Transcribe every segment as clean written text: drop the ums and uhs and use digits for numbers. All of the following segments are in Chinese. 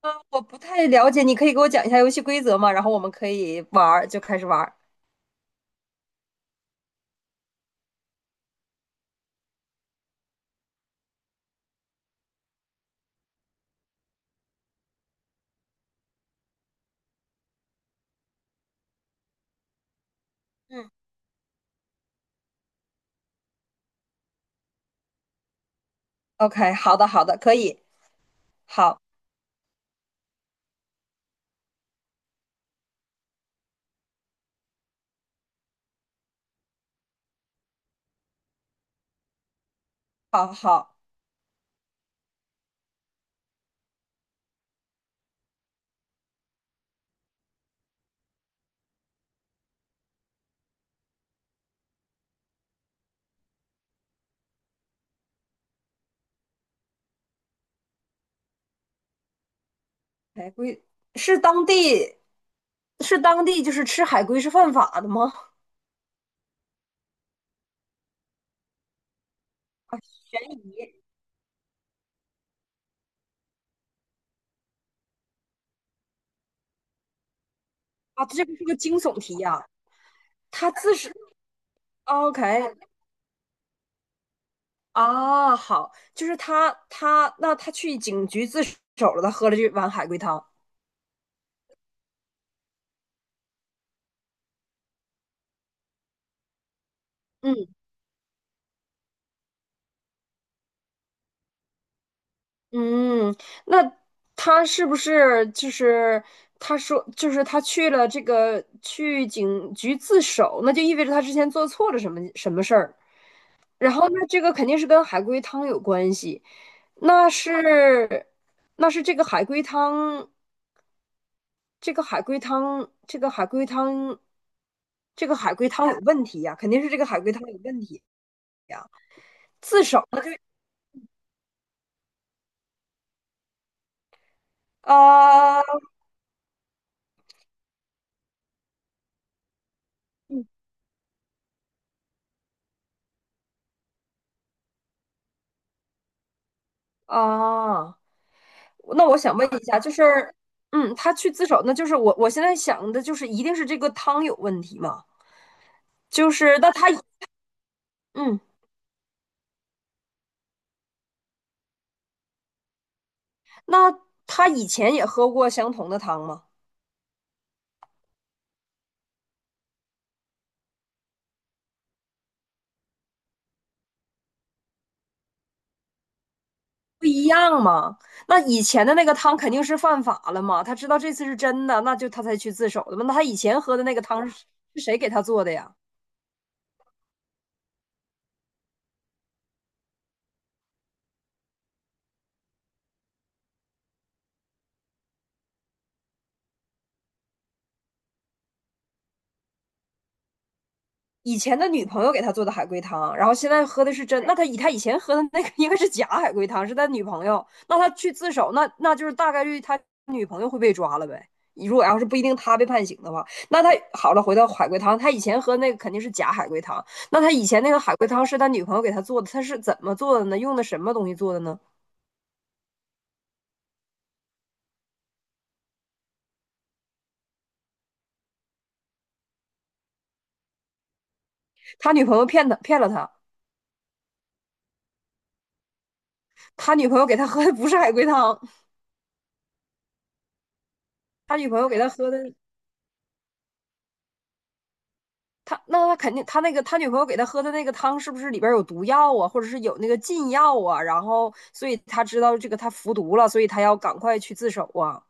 我不太了解，你可以给我讲一下游戏规则吗？然后我们可以玩儿，就开始玩儿。嗯，OK，好的，好的，可以，好，好，好。海龟是当地是当地就是吃海龟是犯法的吗？悬疑啊，这个是个惊悚题呀、他自首，OK，啊，好，就是他他去警局自首了，他喝了这碗海龟汤。嗯，嗯，那他是不是他说就是他去了这个去警局自首，那就意味着他之前做错了什么事儿，然后那这个肯定是跟海龟汤有关系，那是那是这个海龟汤，这个海龟汤，这个海龟汤，这个海龟汤有问题呀，肯定是这个海龟汤有问题呀，自首啊啊！那我想问一下，就是，嗯，他去自首，那就是我现在想的就是，一定是这个汤有问题嘛？就是那他，嗯，那他以前也喝过相同的汤吗？不一样吗？那以前的那个汤肯定是犯法了嘛？他知道这次是真的，那就他才去自首的嘛？那他以前喝的那个汤是是谁给他做的呀？以前的女朋友给他做的海龟汤，然后现在喝的是真。那他以前喝的那个应该是假海龟汤，是他女朋友。那他去自首，那就是大概率他女朋友会被抓了呗。如果要是不一定他被判刑的话，那他好了，回到海龟汤，他以前喝那个肯定是假海龟汤。那他以前那个海龟汤是他女朋友给他做的，他是怎么做的呢？用的什么东西做的呢？他女朋友骗了他，他女朋友给他喝的不是海龟汤，他女朋友给他喝的他那他肯定，他那个他女朋友给他喝的那个汤是不是里边有毒药啊，或者是有那个禁药啊？然后，所以他知道这个他服毒了，所以他要赶快去自首啊。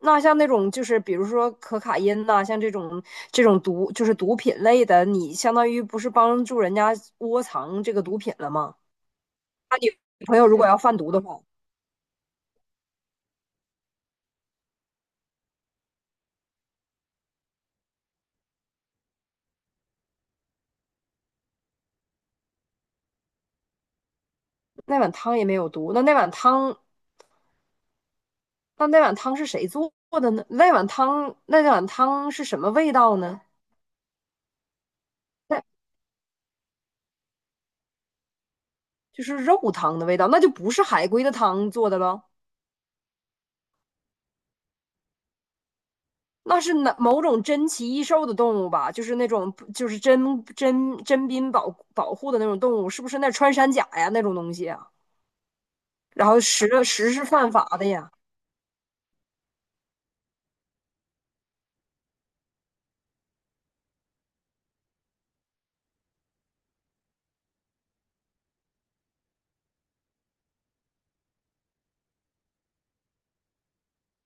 那像那种就是比如说可卡因呐、像这种这种毒就是毒品类的，你相当于不是帮助人家窝藏这个毒品了吗？朋友如果要贩毒的话，那碗汤也没有毒，那那碗汤是谁做的呢？那那碗汤是什么味道呢？那就是肉汤的味道，那就不是海龟的汤做的了，那是哪某种珍奇异兽的动物吧？就是那种就是珍保保护的那种动物，是不是那穿山甲呀那种东西啊？然后实是犯法的呀，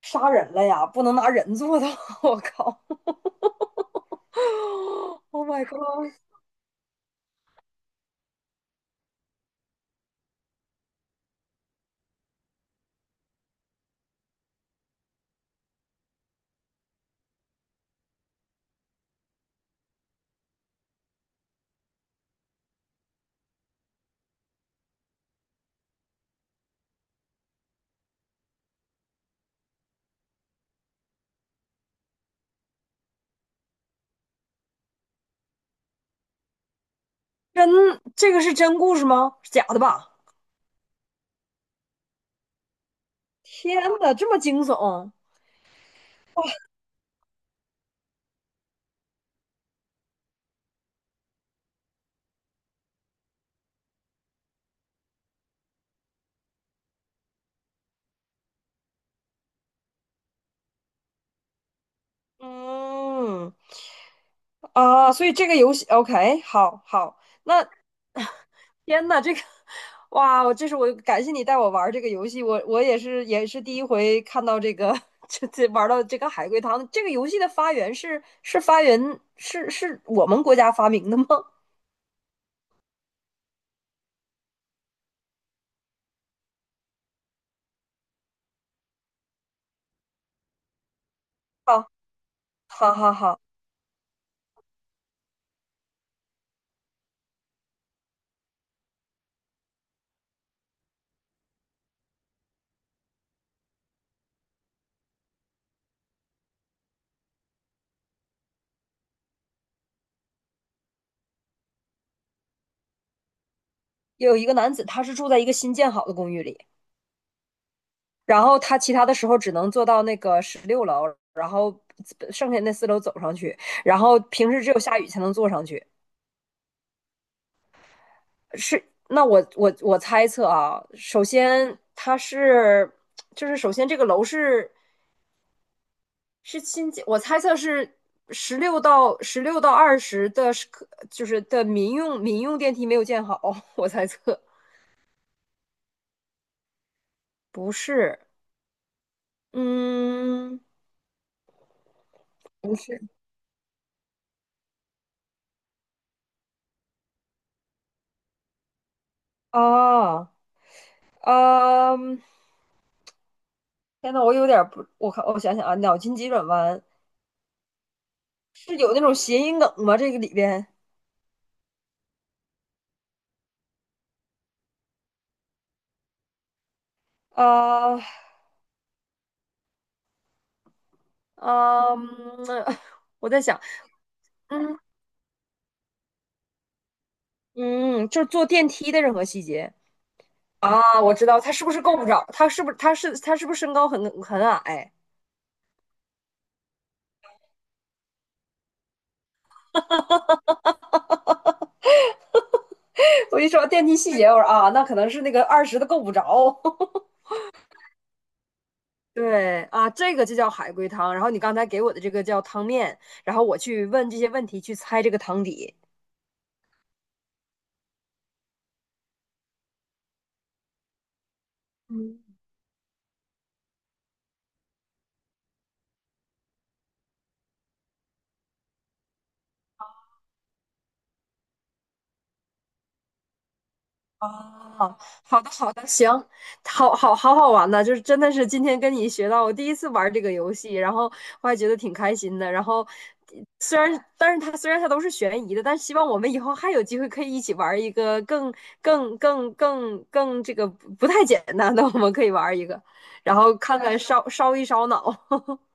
杀人了呀，不能拿人做的。我靠！Oh my god！真这个是真故事吗？假的吧？天哪，这么惊悚！嗯，啊，所以这个游戏，OK，好好，那 天呐，这个哇，我这是我感谢你带我玩儿这个游戏，我也是第一回看到这个 这玩到这个海龟汤。这个游戏的发源是是我们国家发明的吗？好，好，好，好，有一个男子，他是住在一个新建好的公寓里，然后他其他的时候只能坐到那个十六楼，然后剩下那四楼走上去，然后平时只有下雨才能坐上去。是，那我猜测啊，首先它是，就是首先这个楼是是新建，我猜测是十六到二十的是可，就是的民用电梯没有建好，我猜测不是，嗯，不是啊，嗯，天呐，我有点不，我看我想想啊，脑筋急转弯是有那种谐音梗吗？这个里边啊，嗯，我在想。嗯，嗯，就是坐电梯的任何细节。啊，我知道他是不是够不着，他是不是身高很矮？我一说到电梯细节，我说啊，那可能是那个二十的够不着。对啊，这个就叫海龟汤。然后你刚才给我的这个叫汤面，然后我去问这些问题去猜这个汤底。嗯。哦，好的好的，行，好好好玩呢，就是真的是今天跟你学到，我第一次玩这个游戏，然后我还觉得挺开心的。然后虽然，但是它虽然它都是悬疑的，但希望我们以后还有机会可以一起玩一个更这个不太简单的，我们可以玩一个，然后看看烧脑。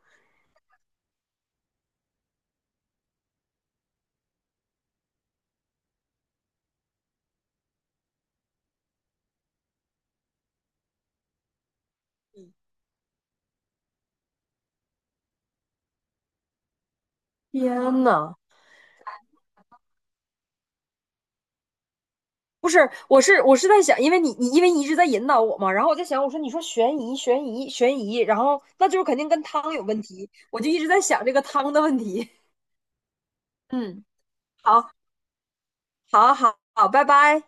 天呐！不是，我是在想，因为你因为你一直在引导我嘛，然后我在想，我说你说悬疑，然后那就是肯定跟汤有问题，我就一直在想这个汤的问题。嗯，好，好，好，好，拜拜。